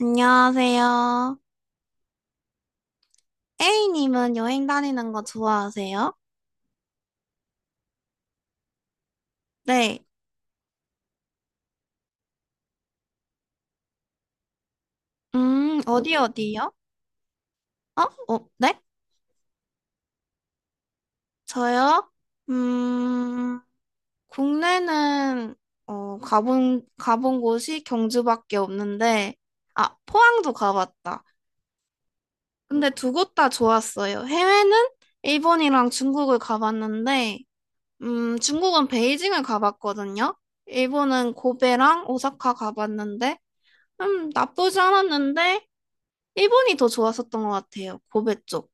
안녕하세요. A님은 여행 다니는 거 좋아하세요? 네. 어디 어디요? 어? 네? 저요? 음, 국내는, 가본 곳이 경주밖에 없는데, 아, 포항도 가봤다. 근데 두 곳 다 좋았어요. 해외는 일본이랑 중국을 가봤는데, 중국은 베이징을 가봤거든요. 일본은 고베랑 오사카 가봤는데, 나쁘지 않았는데, 일본이 더 좋았었던 것 같아요. 고베 쪽.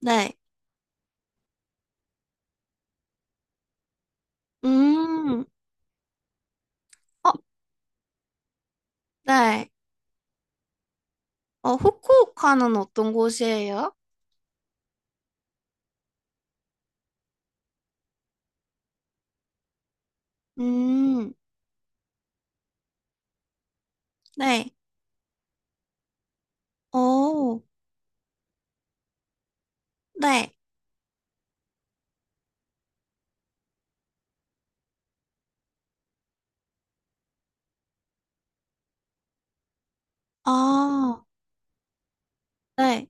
네. 음, 어, 네. 어, 후쿠오카는 어떤 곳이에요? 음, 네. 어, 네. 아, 네.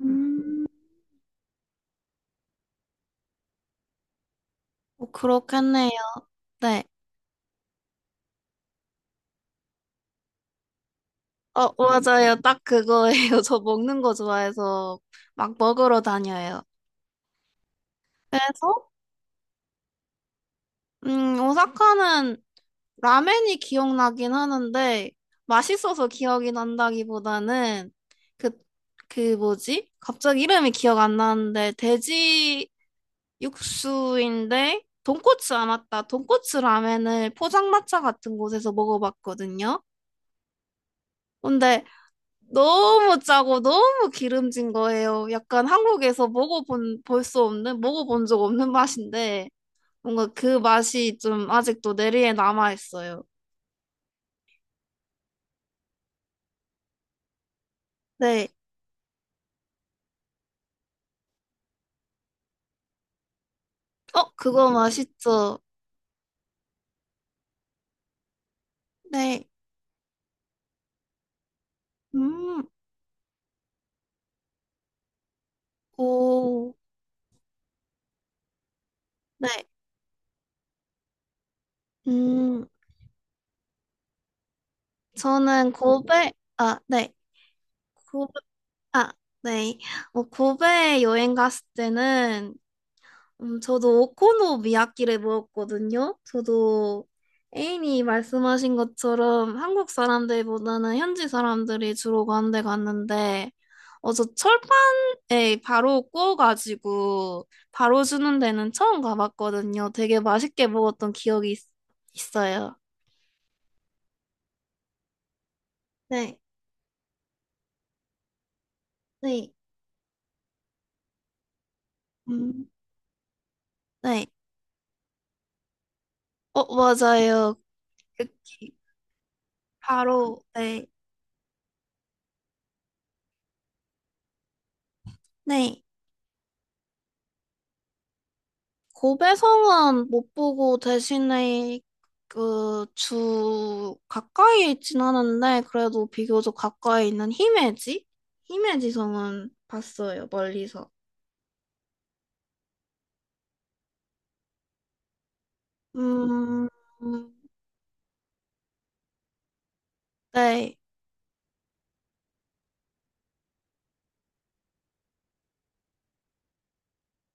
음, 어, 그렇겠네요. 네. 어, 맞아요. 딱 그거예요. 저 먹는 거 좋아해서 막 먹으러 다녀요. 그래서, 오사카는 라멘이 기억나긴 하는데 맛있어서 기억이 난다기보다는 그, 그 뭐지? 갑자기 이름이 기억 안 나는데 돼지 육수인데 돈코츠 아 맞다. 돈코츠 라멘을 포장마차 같은 곳에서 먹어봤거든요. 근데 너무 짜고 너무 기름진 거예요. 약간 한국에서 먹어본 볼 수 없는 먹어본 적 없는 맛인데 뭔가 그 맛이 좀 아직도 내리에 남아 있어요. 네. 어, 그거 맛있죠? 네. 음, 오, 네. 음, 저는 고베, 아, 네. 고베, 아, 네. 어, 고베 여행 갔을 때는 저도 오코노 미야키를 먹었거든요. 저도 애인이 말씀하신 것처럼 한국 사람들보다는 현지 사람들이 주로 가는 데 갔는데, 저 철판에 바로 구워가지고 바로 주는 데는 처음 가봤거든요. 되게 맛있게 먹었던 기억이 있, 있어요. 네, 네, 음, 네. 어, 맞아요. 이렇게 바로, 네, 네. 고배성은 못 보고 대신에 그 주 가까이 있진 않은데 그래도 비교적 가까이 있는 히메지? 히메지 성은 봤어요, 멀리서. 음, 네.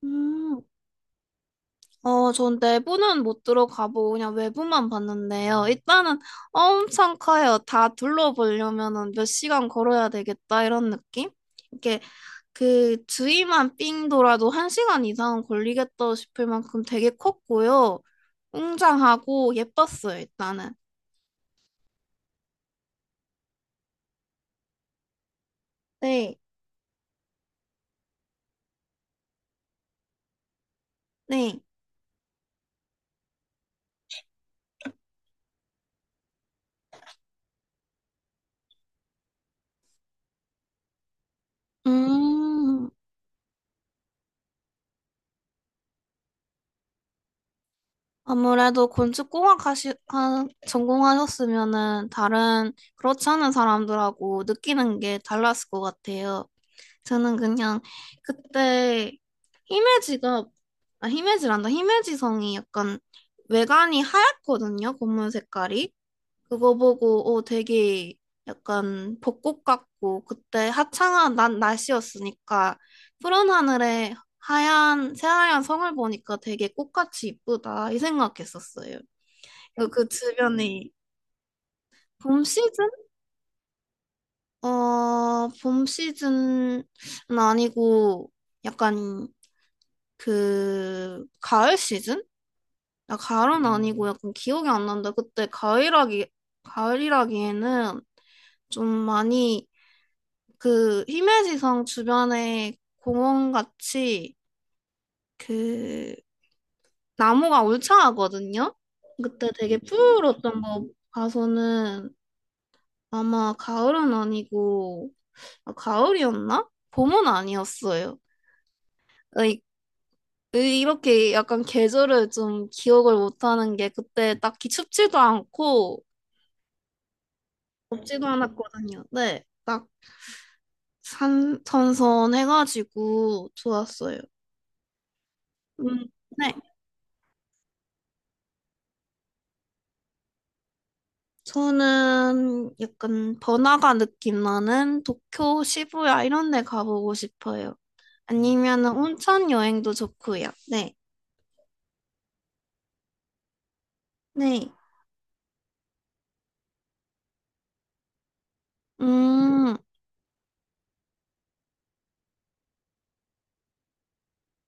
음, 전 내부는 못 들어가보고 그냥 외부만 봤는데요. 일단은 엄청 커요. 다 둘러보려면은 몇 시간 걸어야 되겠다 이런 느낌? 이게 그 주위만 삥 돌아도 한 시간 이상은 걸리겠다 싶을 만큼 되게 컸고요. 웅장하고 예뻤어요, 일단은. 네, 네. 음, 아무래도 건축 공학 전공하셨으면은 다른 그렇지 않은 사람들하고 느끼는 게 달랐을 것 같아요. 저는 그냥 그때 히메지가, 아, 히메지란다. 히메지성이 약간 외관이 하얗거든요, 건물 색깔이. 그거 보고 어 되게 약간 벚꽃 같고 그때 화창한 난 날씨였으니까 푸른 하늘에 하얀 새하얀 성을 보니까 되게 꽃같이 이쁘다 이 생각했었어요. 그리고 그 주변이 봄 시즌? 봄 시즌은 아니고 약간 그 가을 시즌? 아, 가을은 아니고 약간 기억이 안 난다. 그때 가을이라기 가을이라기에는 좀 많이 그 히메지성 주변에 공원 같이 그 나무가 울창하거든요. 그때 되게 푸르렀던 거 봐서는 아마 가을은 아니고 아, 가을이었나? 봄은 아니었어요. 이 이 이렇게 약간 계절을 좀 기억을 못하는 게 그때 딱히 춥지도 않고 덥지도 않았거든요. 네, 딱 선선해가지고 좋았어요. 음, 네. 저는 약간 번화가 느낌 나는 도쿄, 시부야 이런 데 가보고 싶어요. 아니면은 온천 여행도 좋고요. 네. 네. 음.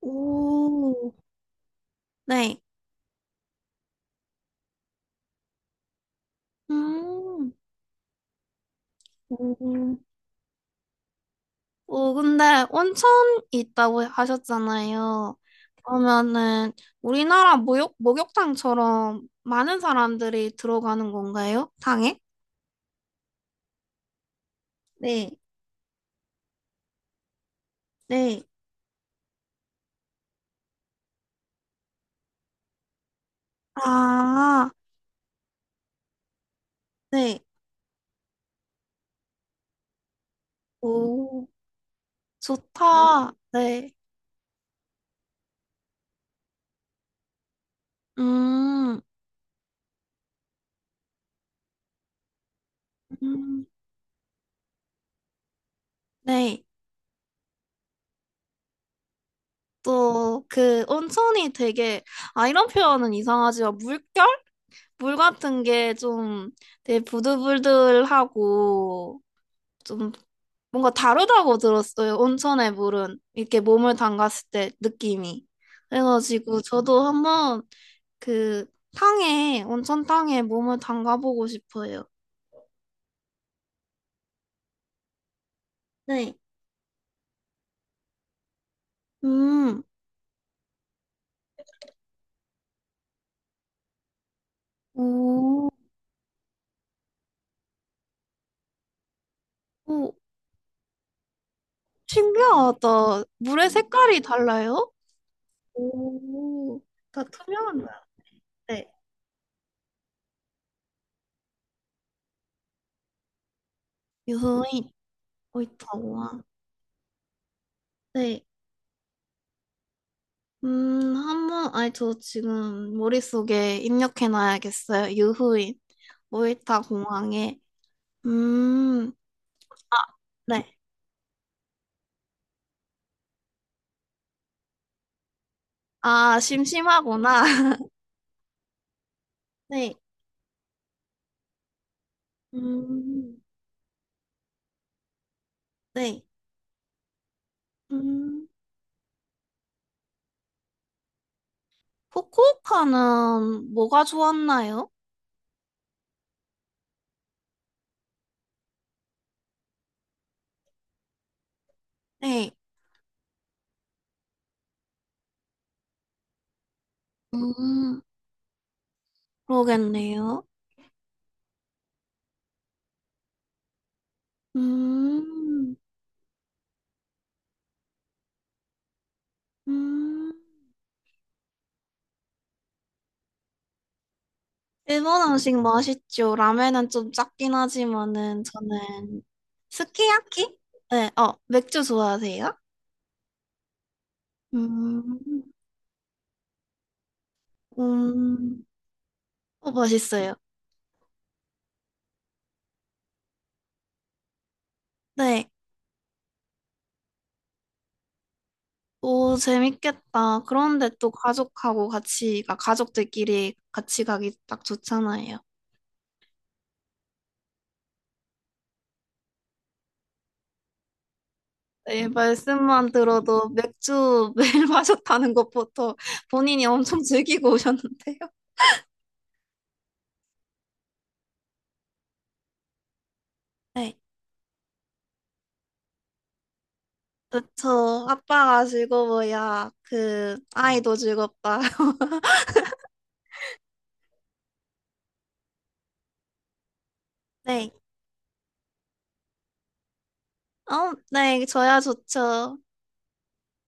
오. 네. 음. 오. 오, 근데 온천 있다고 하셨잖아요. 그러면은 우리나라 목욕, 목욕탕처럼 많은 사람들이 들어가는 건가요? 당에? 네. 네. 아. 네. 오. 좋다. 네. 음, 음, 네. 또, 그, 온천이 되게, 아, 이런 표현은 이상하지만, 물결? 물 같은 게 좀 되게 부들부들하고, 좀 뭔가 다르다고 들었어요. 온천의 물은. 이렇게 몸을 담갔을 때 느낌이. 그래가지고, 저도 한번 그, 탕에, 온천탕에 몸을 담가보고 싶어요. 네. 음, 오. 오. 신기하다. 물의 색깔이 달라요? 오, 다 투명한 거야. 네. 유인 오이타와. 네. 한번, 아니, 저 지금 머릿속에 입력해놔야겠어요. 유후인. 오이타 공항에. 음, 아, 네. 아, 심심하구나. 네. 음, 네. 음, 후쿠오카는 뭐가 좋았나요? 네. 음, 그러겠네요. 음, 음. 일본 음식 맛있죠. 라면은 좀 작긴 하지만은 저는 스키야키? 네, 어, 맥주 좋아하세요? 음, 음, 어, 맛있어요. 네, 오, 재밌겠다. 그런데 또 가족하고 같이, 가 가족들끼리 같이 가기 딱 좋잖아요. 네, 말씀만 들어도 맥주 매일 마셨다는 것부터 본인이 엄청 즐기고 오셨는데요. 네. 그쵸. 아빠가 즐거워야 그 아이도 즐겁다. 네. 어, 네, 저야 좋죠.